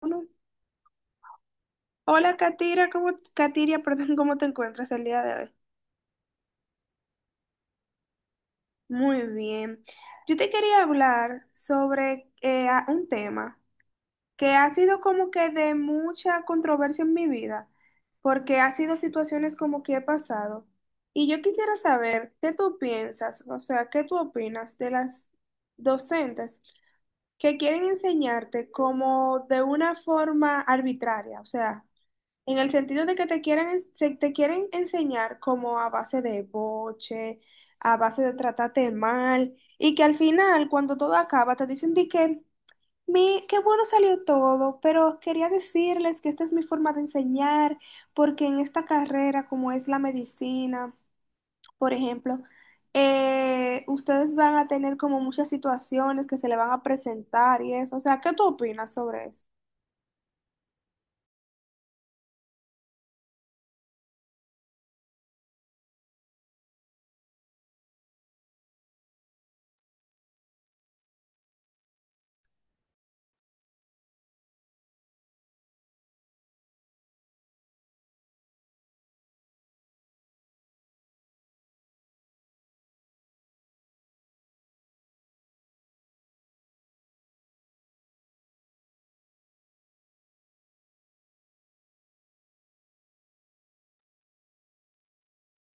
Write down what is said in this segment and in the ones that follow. Uno. Hola, Katira, ¿cómo, Katiria, perdón, ¿cómo te encuentras el día de hoy? Muy bien. Yo te quería hablar sobre un tema que ha sido como que de mucha controversia en mi vida, porque ha sido situaciones como que he pasado. Y yo quisiera saber qué tú piensas, o sea, qué tú opinas de las docentes que quieren enseñarte como de una forma arbitraria, o sea. En el sentido de que te quieren, se te quieren enseñar como a base de boche, a base de tratarte mal, y que al final, cuando todo acaba, te dicen de que, mi, qué bueno salió todo, pero quería decirles que esta es mi forma de enseñar, porque en esta carrera, como es la medicina, por ejemplo, ustedes van a tener como muchas situaciones que se le van a presentar y eso. O sea, ¿qué tú opinas sobre eso?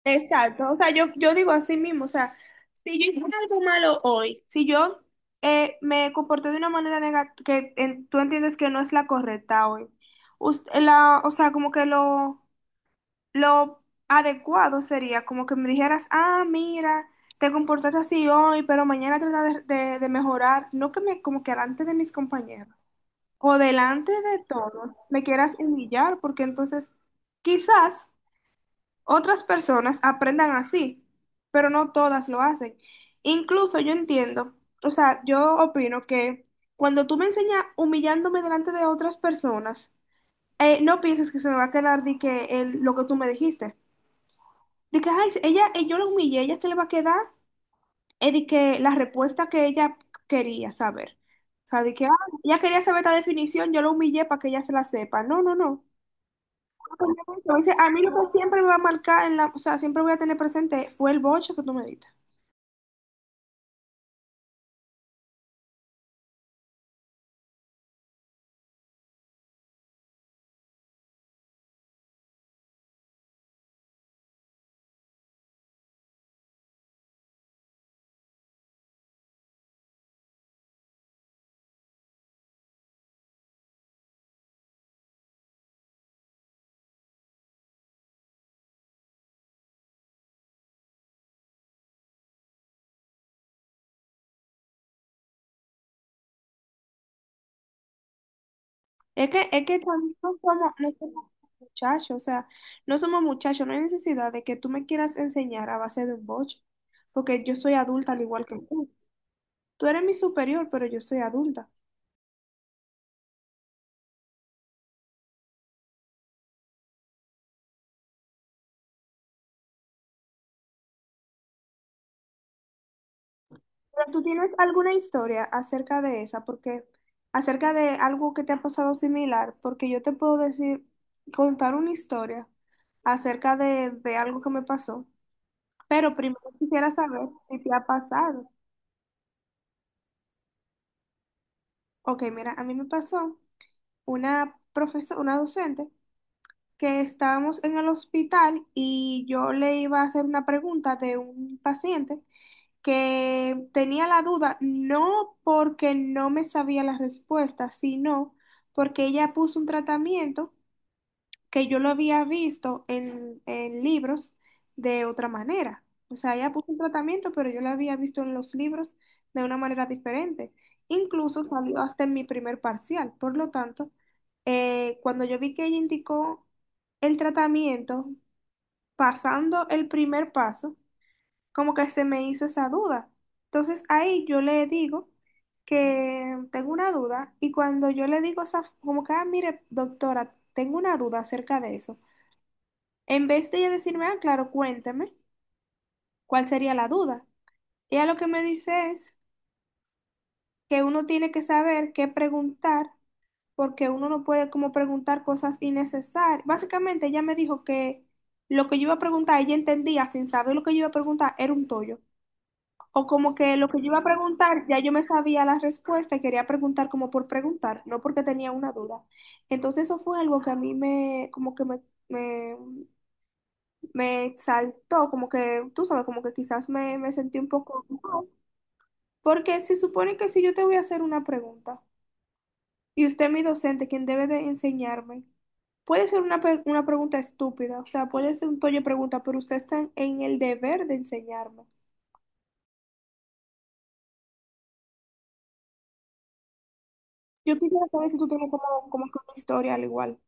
Exacto, o sea, yo digo así mismo, o sea, si yo hice algo malo hoy, si yo me comporté de una manera negativa, que tú entiendes que no es la correcta hoy, o sea, lo adecuado sería como que me dijeras, ah, mira, te comportaste así hoy, pero mañana trata de mejorar, no que me, como que delante de mis compañeros o delante de todos me quieras humillar, porque entonces quizás... Otras personas aprendan así, pero no todas lo hacen. Incluso yo entiendo, o sea, yo opino que cuando tú me enseñas humillándome delante de otras personas, no pienses que se me va a quedar de que lo que tú me dijiste. De que, ay, sí, ella, yo la humillé, ella se le va a quedar de que la respuesta que ella quería saber. O sea, de que, ah, ella quería saber esta definición, yo la humillé para que ella se la sepa. No, no, no. Entonces, a mí lo que siempre me va a marcar, en la, o sea, siempre voy a tener presente fue el boche que tú me diste. Es que también no somos muchachos, o sea, no somos muchachos, no hay necesidad de que tú me quieras enseñar a base de un boche, porque yo soy adulta al igual que tú. Tú eres mi superior, pero yo soy adulta. Pero tú tienes alguna historia acerca de esa, porque acerca de algo que te ha pasado similar, porque yo te puedo decir, contar una historia acerca de algo que me pasó. Pero primero quisiera saber si te ha pasado. Ok, mira, a mí me pasó una profesora, una docente que estábamos en el hospital y yo le iba a hacer una pregunta de un paciente que tenía la duda, no porque no me sabía la respuesta, sino porque ella puso un tratamiento que yo lo había visto en libros de otra manera. O sea, ella puso un tratamiento, pero yo lo había visto en los libros de una manera diferente. Incluso salió hasta en mi primer parcial. Por lo tanto, cuando yo vi que ella indicó el tratamiento, pasando el primer paso, como que se me hizo esa duda. Entonces ahí yo le digo que tengo una duda y cuando yo le digo esa, como que, ah, mire, doctora, tengo una duda acerca de eso. En vez de ella decirme, ah, claro, cuéntame, ¿cuál sería la duda? Ella lo que me dice es que uno tiene que saber qué preguntar, porque uno no puede como preguntar cosas innecesarias. Básicamente ella me dijo que lo que yo iba a preguntar, ella entendía sin saber lo que yo iba a preguntar, era un tollo. O como que lo que yo iba a preguntar, ya yo me sabía la respuesta y quería preguntar como por preguntar, no porque tenía una duda. Entonces eso fue algo que a mí me, como que me, me exaltó, como que, tú sabes, como que quizás me sentí un poco mal, porque se supone que si yo te voy a hacer una pregunta y usted, mi docente, quien debe de enseñarme, puede ser una, una pregunta estúpida, o sea, puede ser un toyo de pregunta, pero usted está en el deber de enseñarme. Yo quisiera saber si tú tienes como, como que una historia al igual,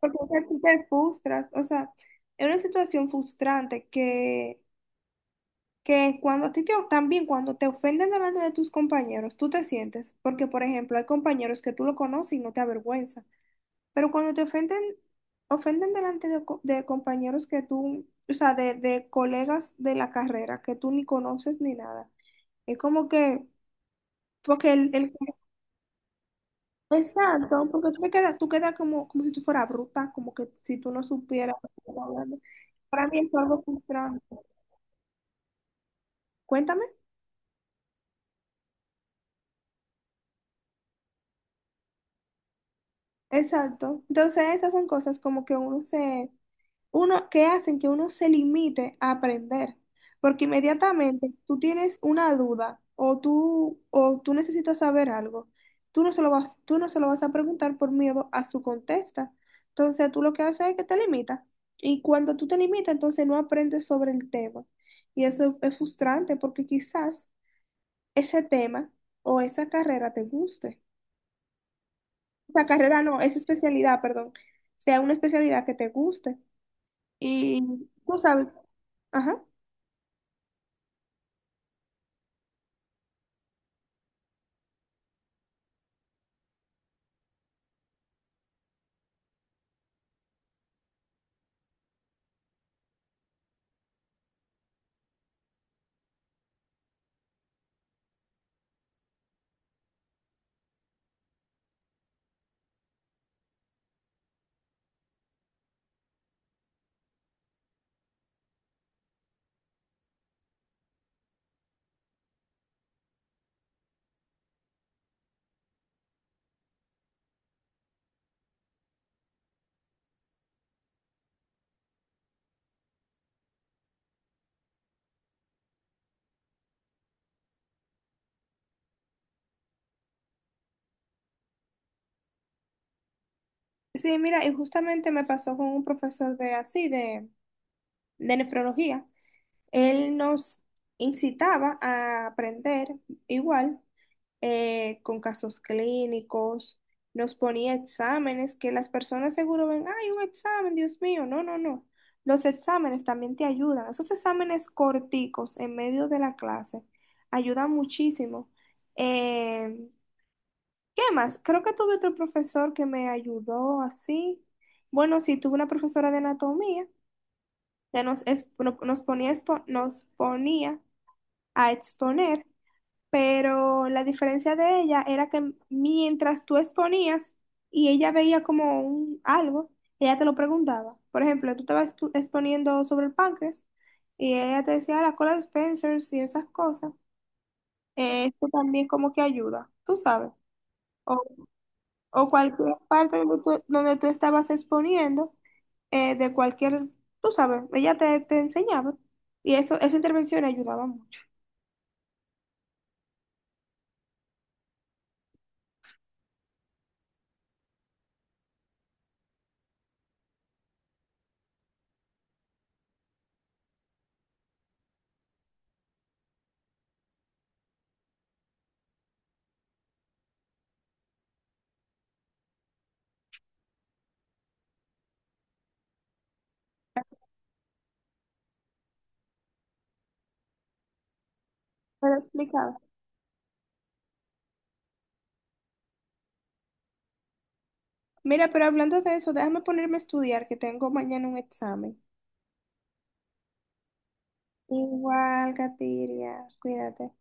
porque o sea, tú te frustras, o sea, es una situación frustrante que cuando a ti te, también cuando te ofenden delante de tus compañeros, tú te sientes, porque por ejemplo hay compañeros que tú lo conoces y no te avergüenza, pero cuando te ofenden, ofenden delante de, de compañeros que tú, o sea, de colegas de la carrera que tú ni conoces ni nada, es como que, porque el exacto, porque tú te quedas, tú quedas como, como si tú fueras bruta, como que si tú no supieras lo que estás hablando. Para mí es algo frustrante. Cuéntame. Exacto. Entonces, esas son cosas como que uno se, uno, que hacen que uno se limite a aprender, porque inmediatamente tú tienes una duda o tú necesitas saber algo, tú no se lo vas a preguntar por miedo a su contesta. Entonces tú lo que haces es que te limitas y cuando tú te limitas, entonces no aprendes sobre el tema. Y eso es frustrante porque quizás ese tema o esa carrera te guste. Esa carrera no, esa especialidad, perdón, sea una especialidad que te guste. Y tú sabes, ajá. Sí, mira, y justamente me pasó con un profesor de así, de nefrología. Él nos incitaba a aprender igual con casos clínicos, nos ponía exámenes que las personas seguro ven, ay, un examen, Dios mío, no, no, no. Los exámenes también te ayudan. Esos exámenes corticos en medio de la clase ayudan muchísimo. eh, ¿Qué más? Creo que tuve otro profesor que me ayudó así. Bueno, sí, tuve una profesora de anatomía que nos, nos ponía, nos ponía a exponer, pero la diferencia de ella era que mientras tú exponías y ella veía como un, algo, ella te lo preguntaba. Por ejemplo, tú estabas exponiendo sobre el páncreas y ella te decía: "Ah, la cola de Spencer y esas cosas". Esto también como que ayuda, tú sabes. O cualquier parte donde tú estabas exponiendo, de cualquier, tú sabes, ella te enseñaba y eso, esa intervención ayudaba mucho. Me lo explicaba. Mira, pero hablando de eso, déjame ponerme a estudiar que tengo mañana un examen. Igual, Katiria, cuídate.